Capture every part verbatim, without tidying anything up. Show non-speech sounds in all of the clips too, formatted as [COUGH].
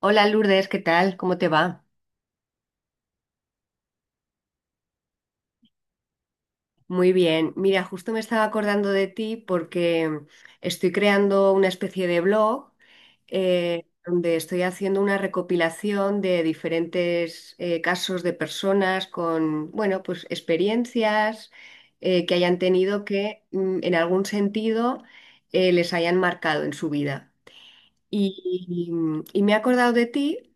Hola Lourdes, ¿qué tal? ¿Cómo te va? Muy bien. Mira, justo me estaba acordando de ti porque estoy creando una especie de blog, eh, donde estoy haciendo una recopilación de diferentes eh, casos de personas con, bueno, pues experiencias eh, que hayan tenido que mm, en algún sentido eh, les hayan marcado en su vida. Y, y- y me he acordado de ti,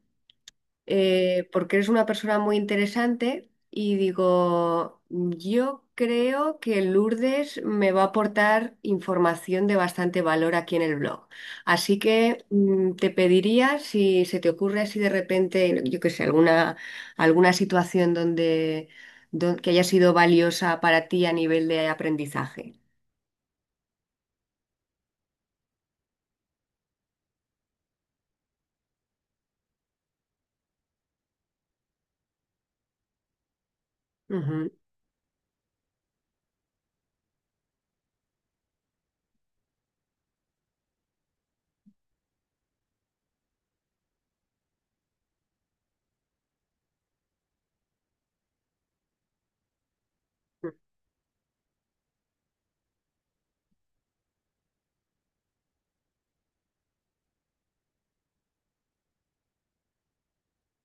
eh, porque eres una persona muy interesante y digo, yo creo que Lourdes me va a aportar información de bastante valor aquí en el blog. Así que mm, te pediría si se te ocurre así de repente, yo qué sé, alguna, alguna situación donde, don- que haya sido valiosa para ti a nivel de aprendizaje. Ujú.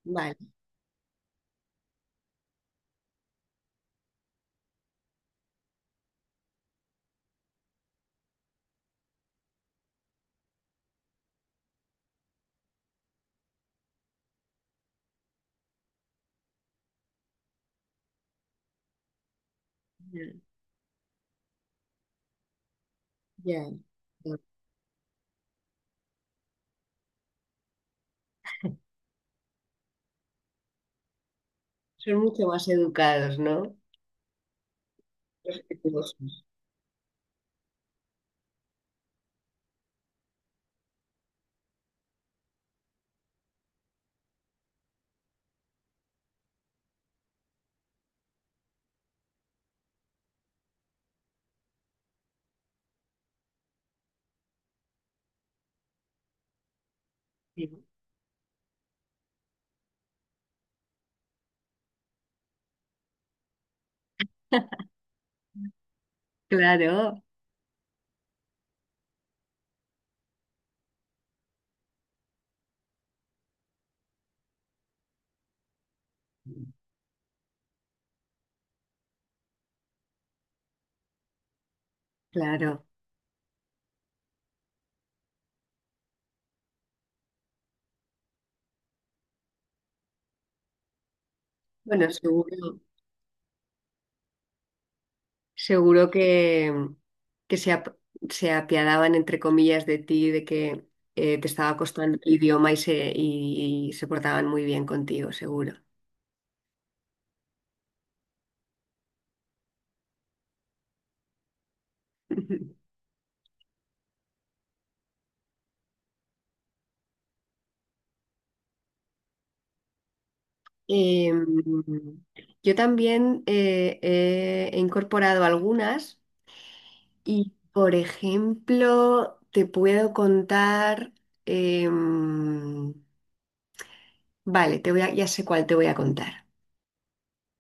Vale, ya, ya, ya. Son mucho más educados, ¿no? Respetuosos. Sí. Claro. Claro. Bueno, seguro, seguro que, que se, ap- se apiadaban, entre comillas, de ti, de que eh, te estaba costando el idioma y se, y, se portaban muy bien contigo, seguro. [LAUGHS] Em, yo también eh, eh, he incorporado algunas y, por ejemplo, te puedo contar... em, vale, te voy a- ya sé cuál te voy a contar.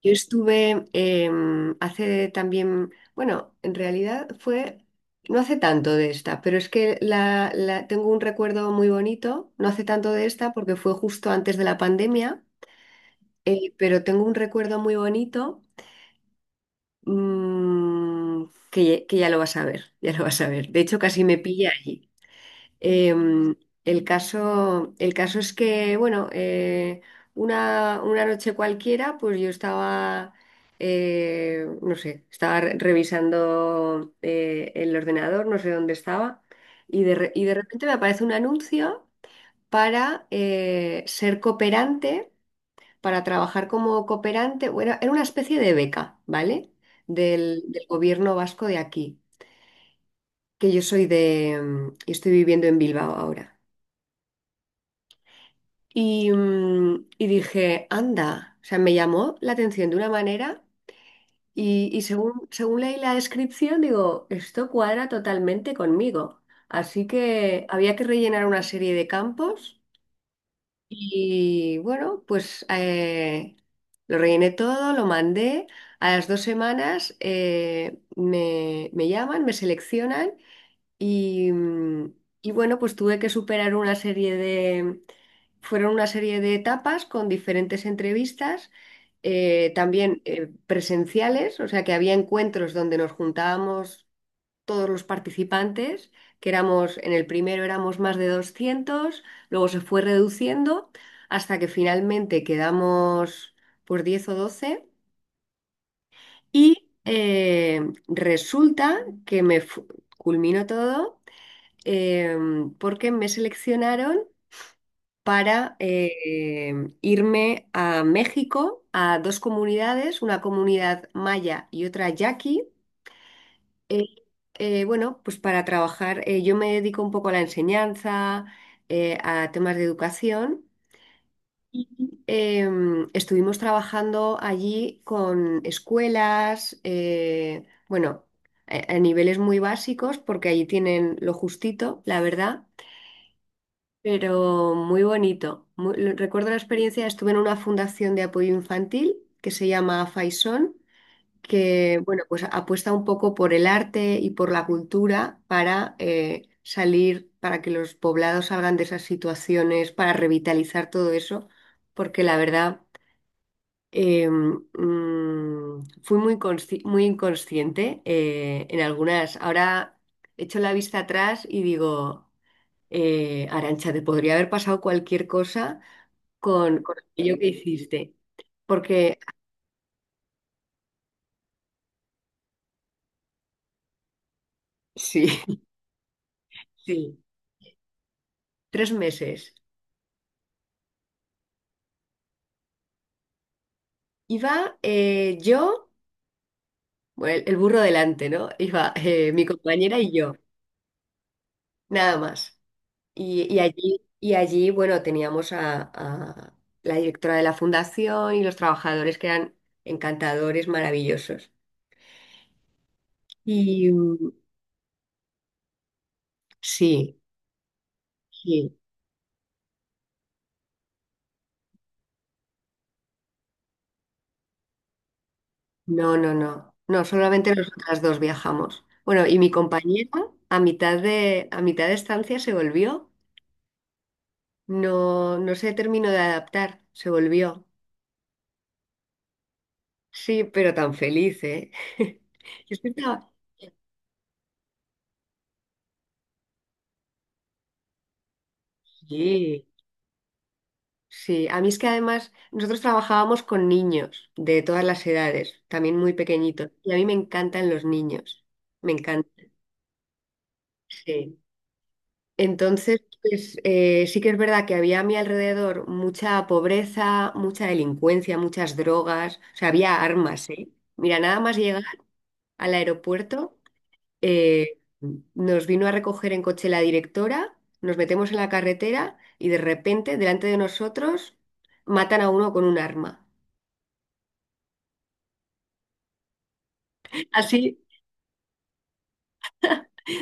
Yo estuve em, hace también, bueno, en realidad fue, no hace tanto de esta, pero es que la, la- tengo un recuerdo muy bonito, no hace tanto de esta porque fue justo antes de la pandemia, eh, pero tengo un recuerdo muy bonito, mm, que, que ya lo vas a ver, ya lo vas a ver. De hecho, casi me pilla allí. Em, el caso, el caso es que, bueno, eh, una, una noche cualquiera, pues yo estaba, eh, no sé, estaba re- revisando eh, el ordenador, no sé dónde estaba, y de, re- y de repente me aparece un anuncio para eh, ser cooperante, para trabajar como cooperante, bueno, era una especie de beca, ¿vale? Del, del gobierno vasco de aquí, que yo soy de, mm, y estoy viviendo en Bilbao ahora. Y, mm, y dije, anda, o sea, me llamó la atención de una manera y, y según, según leí la descripción, digo, esto cuadra totalmente conmigo. Así que había que rellenar una serie de campos y bueno, pues eh, lo rellené todo, lo mandé. A las dos semanas eh, me, me llaman, me seleccionan. Y, mm, y bueno, pues tuve que superar una serie de, fueron una serie de etapas con diferentes entrevistas, eh, también eh, presenciales, o sea que había encuentros donde nos juntábamos todos los participantes, que éramos, en el primero éramos más de doscientos, luego se fue reduciendo hasta que finalmente quedamos por diez o doce. y eh, Resulta que me fu- culminó todo, eh, porque me seleccionaron para eh, irme a México, a dos comunidades, una comunidad maya y otra yaqui. eh, eh, bueno, pues para trabajar, eh, yo me dedico un poco a la enseñanza, eh, a temas de educación. Eh, estuvimos trabajando allí con escuelas, eh, bueno, a a niveles muy básicos, porque allí tienen lo justito, la verdad. Pero muy bonito. Muy- lo- recuerdo la experiencia, estuve en una fundación de apoyo infantil que se llama Faisón, que bueno, pues apuesta un poco por el arte y por la cultura para eh, salir, para que los poblados salgan de esas situaciones, para revitalizar todo eso, porque la verdad eh, mm, fui muy, consci- muy inconsciente eh, en algunas. Ahora echo la vista atrás y digo, eh, Arantxa, te podría haber pasado cualquier cosa con, con aquello que hiciste. Porque, sí, [LAUGHS] sí, tres meses. Iba eh, yo, bueno, el, el burro delante, ¿no? Iba eh, mi compañera y yo, nada más. Y, y allí, y allí, bueno, teníamos a, a la directora de la fundación y los trabajadores que eran encantadores, maravillosos. Y mm, sí, sí. No, no, no. No, solamente nosotras dos viajamos. Bueno, y mi compañera a mitad de, a mitad de estancia se volvió. No, no se terminó de adaptar, se volvió. Sí, pero tan feliz, ¿eh? [LAUGHS] Yo es que estaba- Sí, sí. A mí es que además nosotros trabajábamos con niños de todas las edades, también muy pequeñitos. Y a mí me encantan los niños. Me encantan. Entonces, pues, eh, sí que es verdad que había a mi alrededor mucha pobreza, mucha delincuencia, muchas drogas, o sea, había armas, ¿eh? Mira, nada más llegar al aeropuerto, eh, nos vino a recoger en coche la directora, nos metemos en la carretera y de repente, delante de nosotros, matan a uno con un arma. [LAUGHS] Así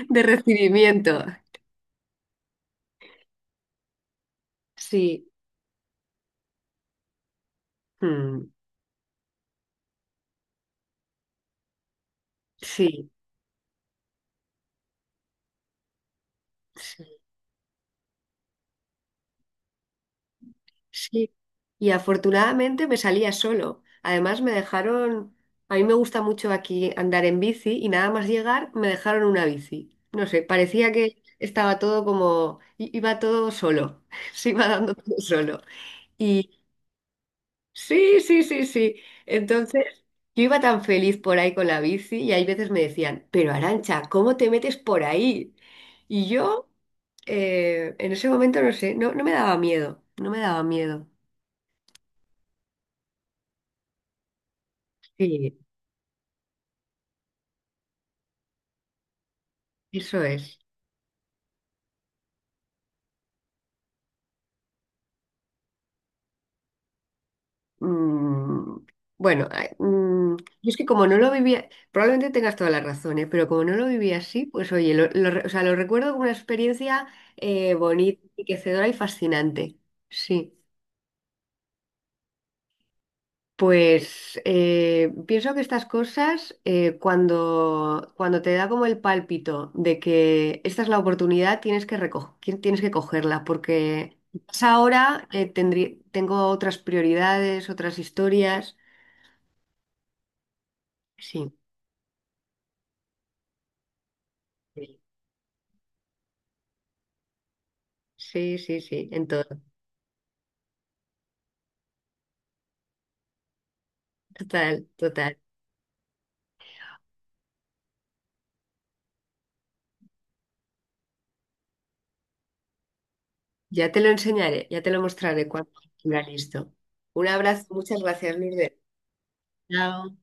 de recibimiento. Sí, mm, sí, sí. Sí, y afortunadamente me salía solo. Además me dejaron, a mí me gusta mucho aquí andar en bici y nada más llegar me dejaron una bici. No sé, parecía que estaba todo como, i- iba todo solo, [LAUGHS] se iba dando todo solo. Y sí, sí, sí, sí. Entonces yo iba tan feliz por ahí con la bici y hay veces me decían, pero Arancha, ¿cómo te metes por ahí? Y yo, eh, en ese momento no sé, no, no me daba miedo, no me daba miedo. Sí, eso es. Mm, bueno, ay, mm, yo es que como no lo vivía, probablemente tengas toda la razón, ¿eh? Pero como no lo vivía así, pues oye, lo, lo re- o sea, lo recuerdo como una experiencia eh, bonita, enriquecedora y fascinante. Sí. Pues eh, pienso que estas cosas, eh, cuando, cuando te da como el pálpito de que esta es la oportunidad, tienes que reco- que- tienes que cogerla, porque quizás ahora eh, tendrí- tengo otras prioridades, otras historias. Sí. Sí, sí, sí, sí, en todo. Total, total. Ya te lo enseñaré, ya te lo mostraré cuando esté listo. Un abrazo, muchas gracias, Lourdes. Chao.